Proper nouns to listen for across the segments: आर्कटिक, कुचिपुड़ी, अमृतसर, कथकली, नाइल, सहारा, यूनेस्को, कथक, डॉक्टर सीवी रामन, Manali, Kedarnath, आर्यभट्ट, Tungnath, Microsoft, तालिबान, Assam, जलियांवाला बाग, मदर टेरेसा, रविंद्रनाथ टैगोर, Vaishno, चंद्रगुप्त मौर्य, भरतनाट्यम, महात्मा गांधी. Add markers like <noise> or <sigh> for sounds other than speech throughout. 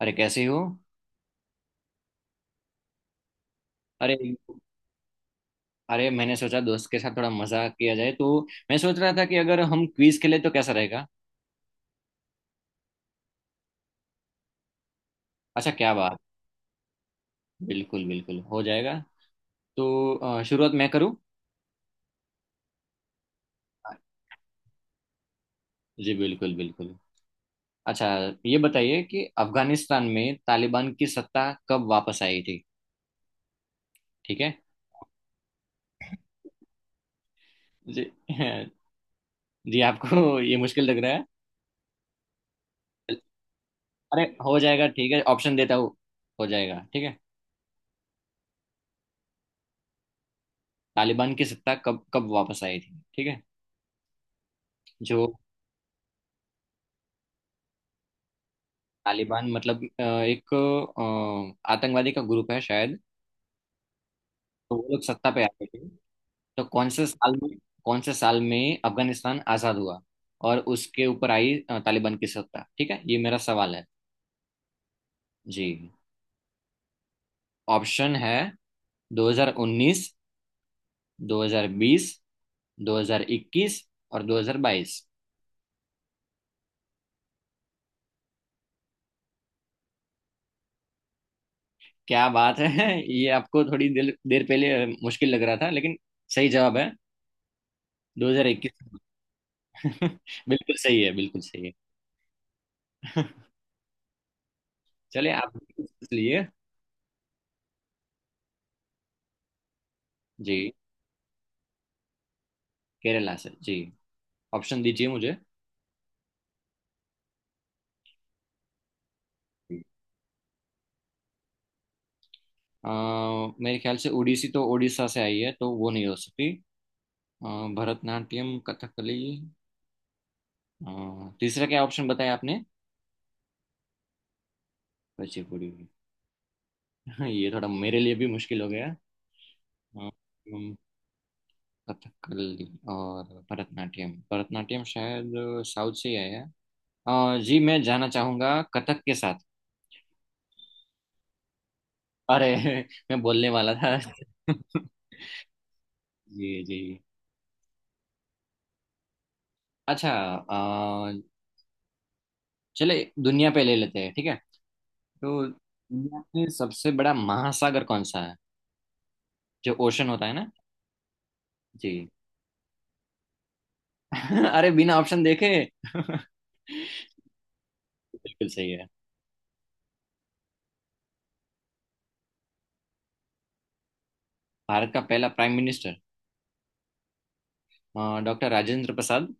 अरे कैसे हो? अरे, अरे, मैंने सोचा दोस्त के साथ थोड़ा मजाक किया जाए तो। मैं सोच रहा था कि अगर हम क्विज खेले तो कैसा रहेगा। अच्छा, क्या बात। बिल्कुल बिल्कुल, हो जाएगा। तो शुरुआत मैं करूं? जी बिल्कुल बिल्कुल। अच्छा, ये बताइए कि अफगानिस्तान में तालिबान की सत्ता कब वापस आई थी? ठीक है। जी <laughs> जी, आपको ये मुश्किल लग रहा है? अरे हो जाएगा, ठीक है, ऑप्शन देता हूँ। हो जाएगा, ठीक है। तालिबान की सत्ता कब कब वापस आई थी, ठीक है? जो तालिबान मतलब एक आतंकवादी का ग्रुप है शायद। तो वो लोग सत्ता पे आए थे। तो कौन से साल में, कौन से साल में अफगानिस्तान आजाद हुआ और उसके ऊपर आई तालिबान की सत्ता, ठीक है? ये मेरा सवाल है। जी, ऑप्शन है 2019, 2020, 2021 और 2022। क्या बात है <laughs> ये आपको थोड़ी देर देर पहले मुश्किल लग रहा था लेकिन सही जवाब है 2021। <laughs> बिल्कुल सही है, बिल्कुल सही है। चलिए आप। इसलिए जी। केरला से जी। ऑप्शन दीजिए मुझे। अ, मेरे ख्याल से ओडिसी तो उड़ीसा से आई है तो वो नहीं हो सकती। अ, भरतनाट्यम, कथकली, अ, तीसरा क्या ऑप्शन बताया आपने? कुचिपुड़ी। <laughs> ये थोड़ा मेरे लिए भी मुश्किल हो गया। अ, अम, कथकली और भरतनाट्यम, भरतनाट्यम शायद साउथ से ही आया है। जी, मैं जाना चाहूंगा कथक के साथ। अरे <laughs> मैं बोलने वाला था। <laughs> जी जी। अच्छा। अ, चले दुनिया पे ले लेते हैं, ठीक है? तो दुनिया में सबसे बड़ा महासागर कौन सा है, जो ओशन होता है ना? जी <laughs> अरे बिना ऑप्शन देखे <laughs> बिल्कुल सही है। भारत का पहला prime minister doctor Rajendra Prasad.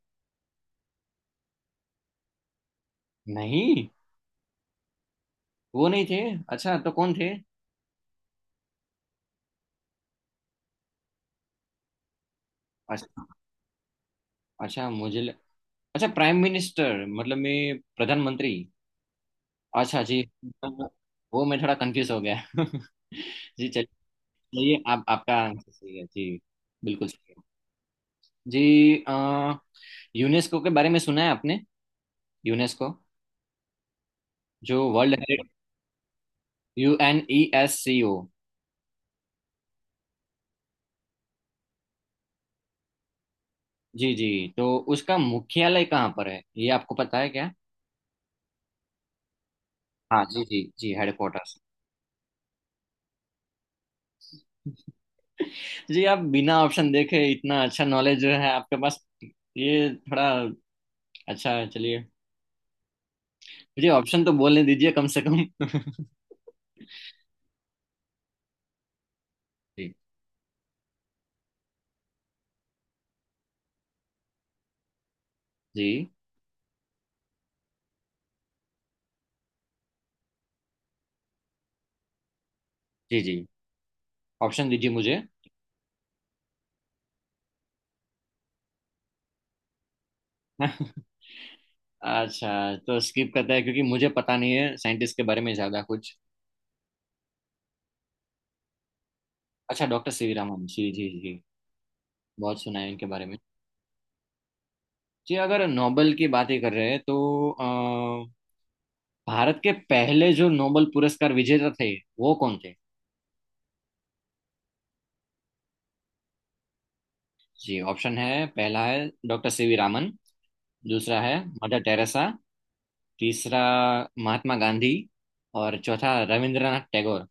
नहीं, वो नहीं थे। अच्छा तो कौन थे? अच्छा, अच्छा, मुझे अच्छा, प्राइम मिनिस्टर मतलब मैं प्रधानमंत्री। अच्छा जी। वो मैं थोड़ा कंफ्यूज हो गया <laughs> जी चलिए। ये आप, आपका आंसर सही है जी। बिल्कुल सही है। जी यूनेस्को के बारे में सुना है आपने? यूनेस्को, जो world heritage, U N E S C O. जी जी। तो उसका मुख्यालय कहाँ पर है, ये आपको पता है क्या? हाँ जी जी जी, हेडक्वार्टर्स। <laughs> जी, आप बिना ऑप्शन देखे इतना अच्छा नॉलेज जो है आपके पास, ये थोड़ा अच्छा है, चलिए। मुझे ऑप्शन तो बोलने दीजिए कम से कम <laughs> जी जी। जी जी। ऑप्शन दीजिए मुझे। अच्छा, तो स्किप करता है क्योंकि मुझे पता नहीं है साइंटिस्ट के बारे में ज्यादा कुछ। अच्छा, डॉक्टर सीवी रामन, जी जी जी। बहुत सुना है इनके बारे में। जी, अगर नोबेल की बात ही कर रहे हैं तो अ, भारत के पहले जो नोबेल पुरस्कार विजेता थे, वो कौन थे? जी ऑप्शन है, पहला है डॉक्टर सीवी रामन, दूसरा है मदर टेरेसा, तीसरा महात्मा गांधी और चौथा रविंद्रनाथ टैगोर।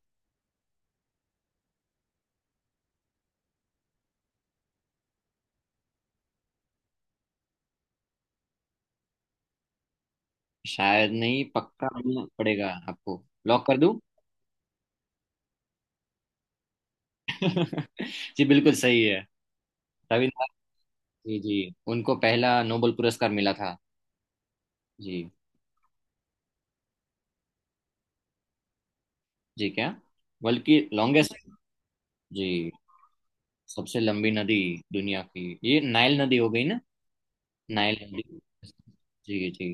शायद नहीं, पक्का बोलना पड़ेगा आपको, लॉक कर दूं? <laughs> जी बिल्कुल सही है। रविन्द्रनाथ। जी जी, उनको पहला नोबेल पुरस्कार मिला था। जी। जी क्या? बल्कि लॉन्गेस्ट। जी। सबसे लंबी नदी दुनिया की, ये नाइल नदी हो गई ना, नाइल नदी। जी जी।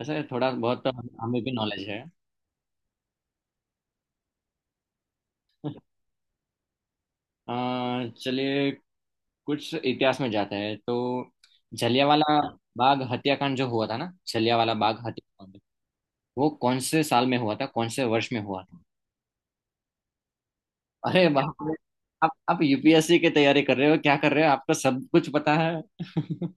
ऐसा थोड़ा बहुत तो हमें भी नॉलेज है। अ, चलिए कुछ इतिहास में जाते हैं तो जलियांवाला बाग हत्याकांड, जो हुआ था ना जलियांवाला बाग हत्याकांड, वो कौन से साल में हुआ था, कौन से वर्ष में हुआ था? अरे बाप रे। आप यूपीएससी की तैयारी कर रहे हो क्या कर रहे हो, आपको सब कुछ पता है <laughs>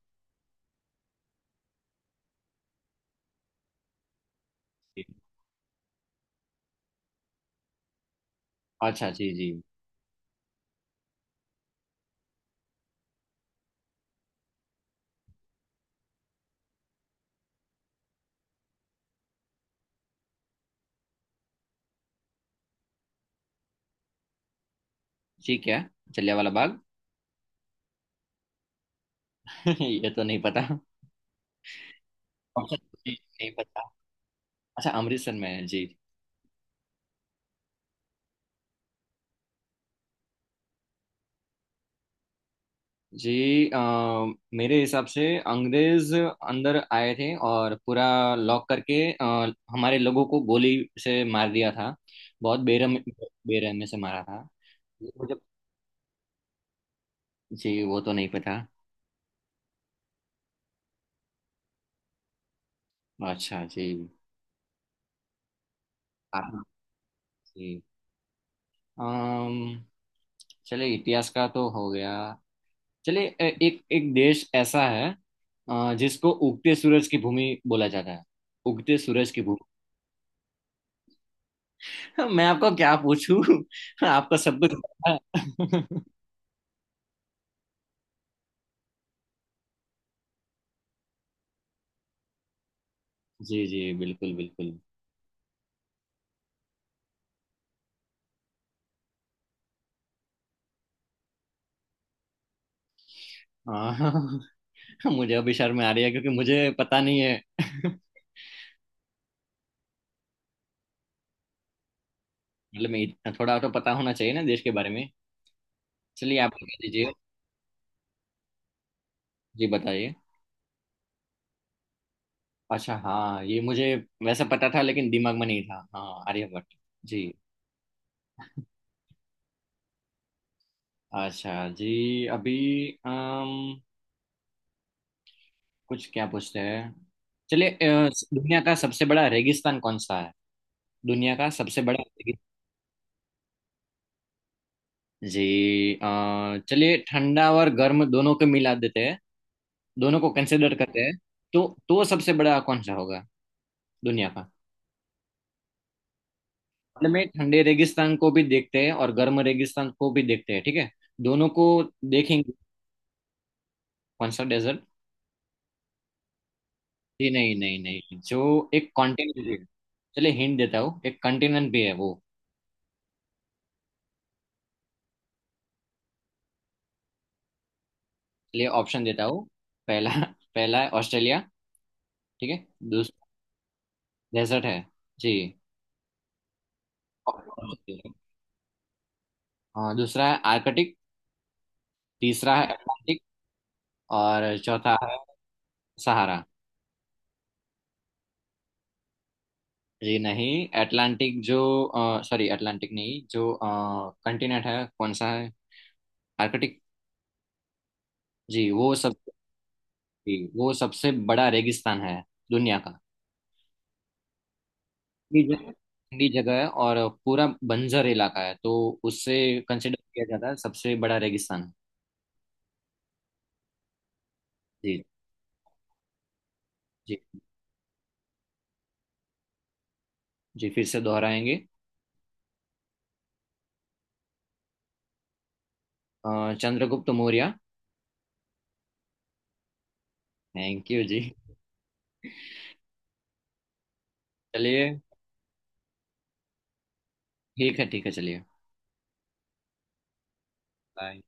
अच्छा जी जी। ठीक है, जलियांवाला बाग। <laughs> ये तो नहीं पता। अच्छा जी, नहीं पता। अच्छा, अमृतसर में है जी। जी अ, मेरे हिसाब से अंग्रेज अंदर आए थे और पूरा लॉक करके हमारे लोगों को गोली से मार दिया था, बहुत बेरहम, बेरहमी से मारा था। मुझे, जी वो तो नहीं पता। अच्छा जी। आप। जी अम्म, चले इतिहास का तो हो गया। चले एक एक देश ऐसा है जिसको उगते सूरज की भूमि बोला जाता है, उगते सूरज की भूमि। <laughs> मैं आपको क्या पूछूं <laughs> आपका सब कुछ पता है। <laughs> जी जी बिल्कुल बिल्कुल। अ, <laughs> मुझे अभी शर्म आ रही है क्योंकि मुझे पता नहीं है <laughs> मतलब मैं, इतना थोड़ा तो पता होना चाहिए ना देश के बारे में। चलिए आप बता दीजिए। जी बताइए। अच्छा, हाँ ये मुझे वैसे पता था लेकिन दिमाग में नहीं था, हाँ आर्यभट्ट। जी। अच्छा जी। अभी अम, कुछ क्या पूछते हैं? चलिए दुनिया का सबसे बड़ा रेगिस्तान कौन सा है? दुनिया का सबसे बड़ा रेगिस्तान। जी चलिए ठंडा और गर्म दोनों को मिला देते हैं, दोनों को कंसिडर करते हैं, तो सबसे बड़ा कौन सा होगा दुनिया का? मतलब में ठंडे रेगिस्तान को भी देखते हैं और गर्म रेगिस्तान को भी देखते हैं, ठीक है? दोनों को देखेंगे। कौन सा डेजर्ट? जी नहीं नहीं नहीं, जो एक कॉन्टिनेंट भी है। चलिए हिंट देता हूँ, एक कॉन्टिनेंट भी है वो। लिए ऑप्शन देता हूँ। पहला, पहला है ऑस्ट्रेलिया, ठीक है? दूसरा। डेजर्ट है जी। हाँ दूसरा है आर्कटिक, तीसरा है अटलांटिक, और चौथा है सहारा। जी नहीं, अटलांटिक जो, सॉरी अटलांटिक नहीं, जो कंटिनेंट है कौन सा है, आर्कटिक। जी, वो सब। जी, वो सबसे बड़ा रेगिस्तान है दुनिया का। ठंडी जगह, ठंडी जगह है और पूरा बंजर इलाका है तो उससे कंसिडर किया जाता है सबसे बड़ा रेगिस्तान। जी। जी, जी फिर से दोहराएंगे? चंद्रगुप्त मौर्य। थैंक यू जी। चलिए। ठीक है, ठीक है, चलिए। बाय।